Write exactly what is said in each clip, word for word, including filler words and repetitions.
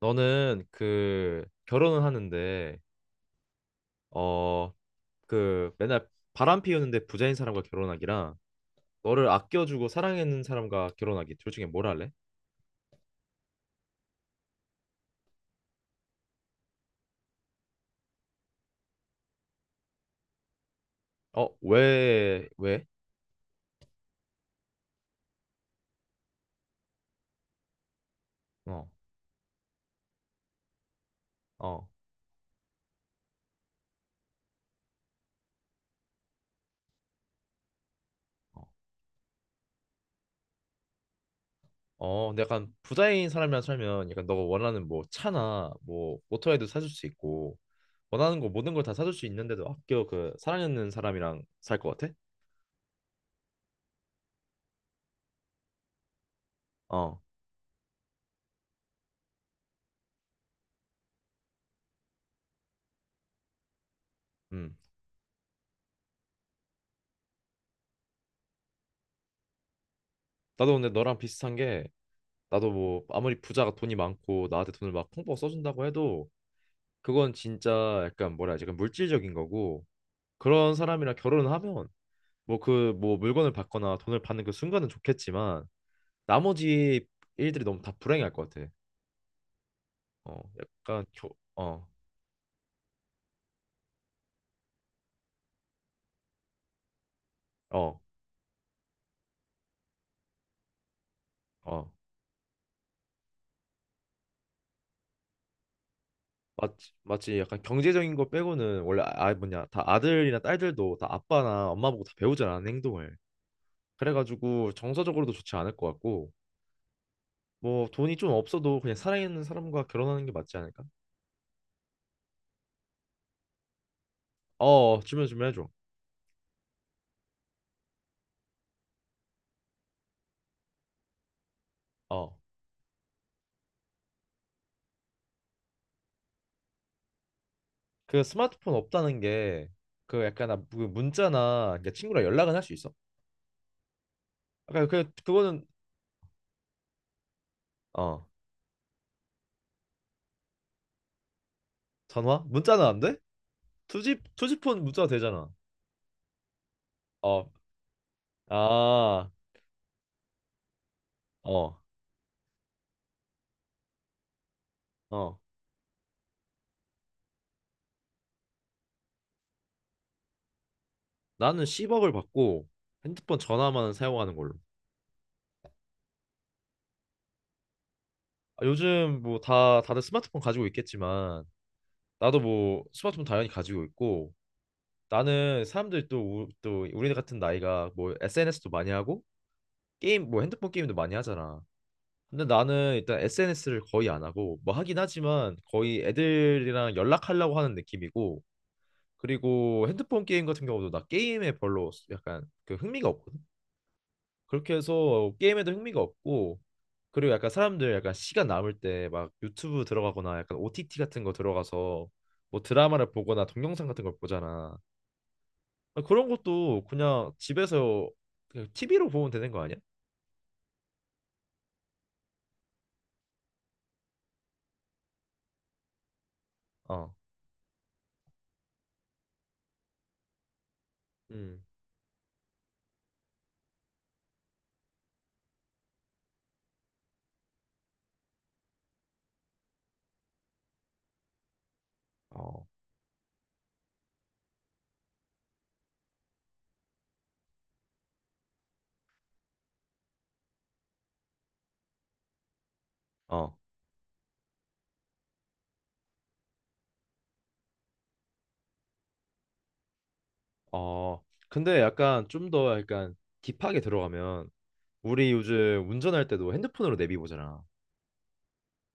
너는 그 결혼을 하는데 어 그 맨날 바람 피우는데 부자인 사람과 결혼하기랑 너를 아껴주고 사랑하는 사람과 결혼하기 둘 중에 뭘 할래? 어, 왜, 왜? 어, 어, 어, 어, 근데 약간 부자인 사람이랑 살면 약간 너가 원하는 뭐 차나 뭐 모터에도 사줄 수 있고 원하는 거 모든 걸 다 사줄 수 있는데도 아껴 그 사랑하는 사람이랑 살 것 같아? 어, 음. 나도 근데 너랑 비슷한 게 나도 뭐 아무리 부자가 돈이 많고 나한테 돈을 막 펑펑 써준다고 해도 그건 진짜 약간 뭐라 해야지 약간 물질적인 거고 그런 사람이랑 결혼을 하면 뭐 그 뭐 물건을 받거나 돈을 받는 그 순간은 좋겠지만 나머지 일들이 너무 다 불행할 것 같아. 어 약간 겨, 어, 어, 어. 맞지, 맞지. 약간 경제적인 거 빼고는 원래 아 아, 뭐냐 다 아들이나 딸들도 다 아빠나 엄마 보고 다 배우잖아 하는 행동을. 그래가지고 정서적으로도 좋지 않을 것 같고 뭐 돈이 좀 없어도 그냥 사랑하는 사람과 결혼하는 게 맞지 않을까? 어, 주면 주면 해줘. 어, 그 스마트폰 없다는 게 그 약간 나- 그 문자나 그러니까 친구랑 연락은 할 수 있어. 아까 그 그거는 어 전화? 문자는 안 돼? 투지 투지폰 문자 되잖아. 어, 아, 어, 어. 나는 십억을 받고 핸드폰 전화만 사용하는 걸로. 아, 요즘 뭐 다 다들 스마트폰 가지고 있겠지만 나도 뭐 스마트폰 당연히 가지고 있고. 나는 사람들이 또, 우, 또 우리 같은 나이가 뭐 에스엔에스도 많이 하고 게임 뭐 핸드폰 게임도 많이 하잖아. 근데 나는 일단 에스엔에스를 거의 안 하고 뭐 하긴 하지만 거의 애들이랑 연락하려고 하는 느낌이고 그리고 핸드폰 게임 같은 경우도 나 게임에 별로 약간 그 흥미가 없거든. 그렇게 해서 게임에도 흥미가 없고 그리고 약간 사람들 약간 시간 남을 때 막 유튜브 들어가거나 약간 오티티 같은 거 들어가서 뭐 드라마를 보거나 동영상 같은 걸 보잖아. 아, 그런 것도 그냥 집에서 그냥 티비로 보면 되는 거 아니야? 어, 음. 어, 어, 어. 근데 약간 좀 더 약간 딥하게 들어가면 우리 요즘 운전할 때도 핸드폰으로 내비 보잖아.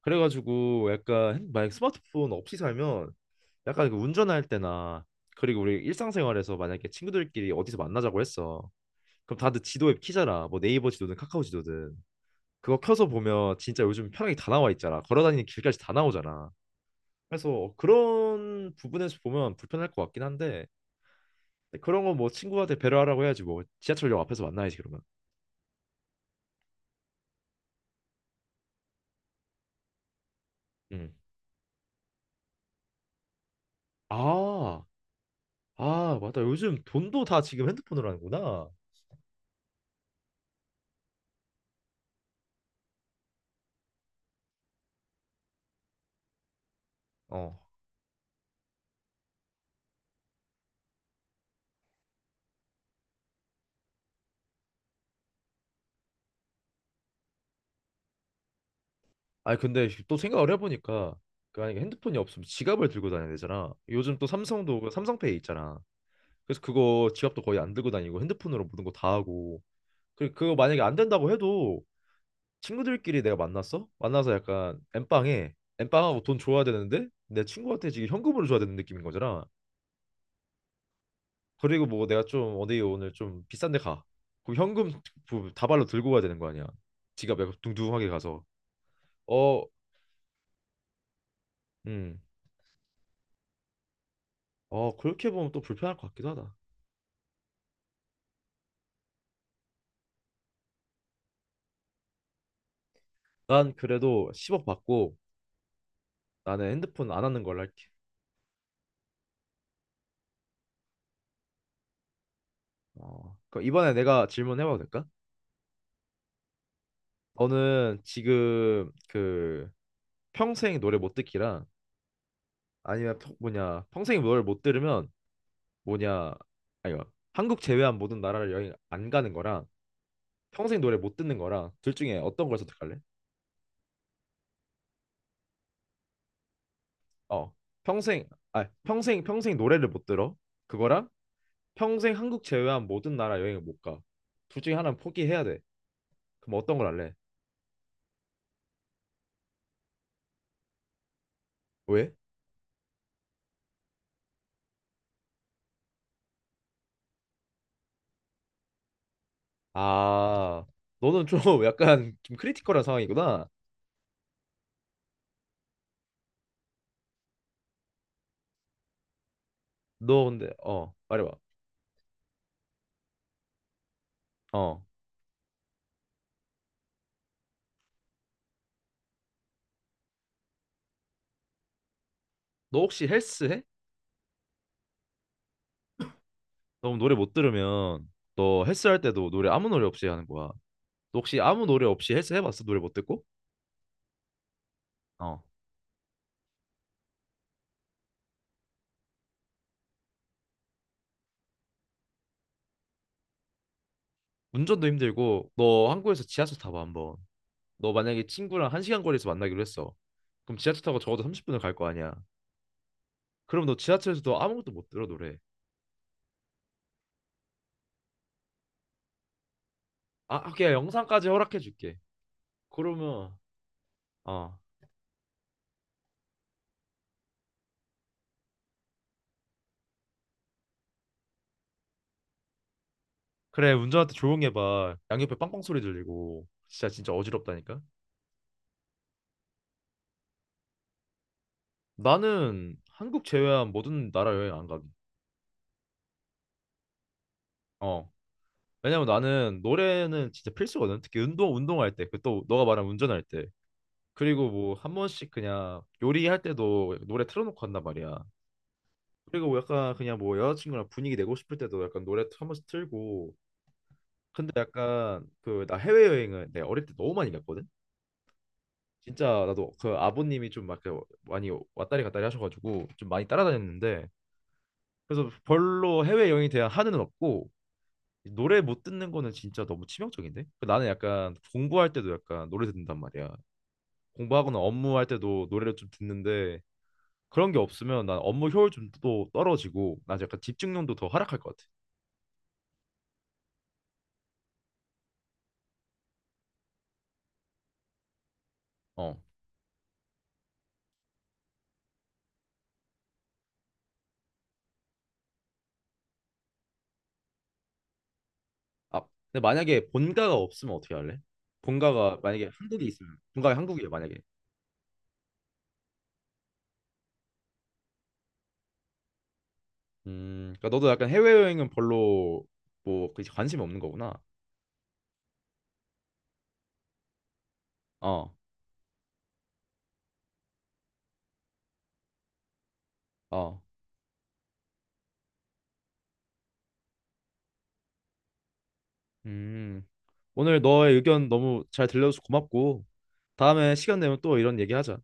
그래가지고 약간 핸- 만약 스마트폰 없이 살면 약간 그 운전할 때나 그리고 우리 일상생활에서 만약에 친구들끼리 어디서 만나자고 했어. 그럼 다들 지도 앱 키잖아. 뭐 네이버 지도든 카카오 지도든. 그거 켜서 보면 진짜 요즘 편하게 다 나와 있잖아. 걸어다니는 길까지 다 나오잖아. 그래서 그런 부분에서 보면 불편할 것 같긴 한데 그런 건 뭐 친구한테 배려하라고 해야지 뭐 지하철역 앞에서 만나야지 그러면. 음. 아, 아 맞다. 요즘 돈도 다 지금 핸드폰으로 하는구나. 어. 아니 근데 또 생각을 해보니까 그 만약에 핸드폰이 없으면 지갑을 들고 다녀야 되잖아. 요즘 또 삼성도 그 삼성페이 있잖아. 그래서 그거 지갑도 거의 안 들고 다니고 핸드폰으로 모든 거 다 하고. 그 그거 만약에 안 된다고 해도 친구들끼리 내가 만났어? 만나서 약간 엠빵에 엠빵하고 돈 줘야 되는데 내 친구한테 지금 현금으로 줘야 되는 느낌인 거잖아. 그리고 뭐 내가 좀 어디 오늘 좀 비싼 데 가. 그럼 현금 부- 다발로 들고 가야 되는 거 아니야. 지갑 약간 둥둥하게 가서. 어, 음. 어, 그렇게 보면 또 불편할 것 같기도 하다. 난 그래도 십억 받고 나는 핸드폰 안 하는 걸로 할게. 어, 그럼 이번에 내가 질문해봐도 될까? 너는 지금 그 평생 노래 못 듣기랑 아니면 평- 뭐냐 평생 뭘 못 들으면 뭐냐 아니 한국 제외한 모든 나라를 여행 안 가는 거랑 평생 노래 못 듣는 거랑 둘 중에 어떤 걸 선택할래? 어 평생 아 평생 평생 노래를 못 들어 그거랑 평생 한국 제외한 모든 나라 여행을 못 가 둘 중에 하나는 포기해야 돼 그럼 어떤 걸 할래? 왜? 아 너는 좀 약간 좀 크리티컬한 상황이구나 너 근데 어 말해봐 어 너 혹시 헬스 해? 너무 노래 못 들으면 너 헬스할 때도 노래 아무 노래 없이 하는 거야. 너 혹시 아무 노래 없이 헬스 해봤어? 노래 못 듣고? 어. 운전도 힘들고 너 한국에서 지하철 타봐 한번. 너 만약에 친구랑 한 시간 거리에서 만나기로 했어. 그럼 지하철 타고 적어도 삼십 분을 갈 거 아니야. 그럼 너 지하철에서도 아무것도 못 들어 노래. 아, 오케이 영상까지 허락해 줄게. 그러면 어 그래 운전할 때 조용히 해봐. 양옆에 빵빵 소리 들리고 진짜 진짜 어지럽다니까. 나는 한국 제외한 모든 나라 여행 안 가기. 어. 왜냐면 나는 노래는 진짜 필수거든. 특히 운동 운동할 때, 그 또 너가 말한 운전할 때, 그리고 뭐 한 번씩 그냥 요리할 때도 노래 틀어놓고 한단 말이야. 그리고 뭐 약간 그냥 뭐 여자친구랑 분위기 내고 싶을 때도 약간 노래 한 번씩 틀고. 근데 약간 그 나 해외여행을 내가 어릴 때 너무 많이 갔거든. 진짜 나도 그 아버님이 좀 막 많이 왔다리 갔다리 하셔가지고 좀 많이 따라다녔는데 그래서 별로 해외여행에 대한 한은 없고 노래 못 듣는 거는 진짜 너무 치명적인데? 그 나는 약간 공부할 때도 약간 노래 듣는단 말이야. 공부하거나 업무할 때도 노래를 좀 듣는데 그런 게 없으면 난 업무 효율도 또 떨어지고 난 약간 집중력도 더 하락할 것 같아. 어. 아, 근데 만약에 본가가 없으면 어떻게 할래? 본가가 만약에 한국에 있으면 본가가 한국이야 만약에. 음, 그러니까 너도 약간 해외여행은 별로 뭐그 관심이 없는 거구나. 어, 어. 음. 오늘 너의 의견 너무 잘 들려줘서 고맙고 다음에 시간 되면 또 이런 얘기하자.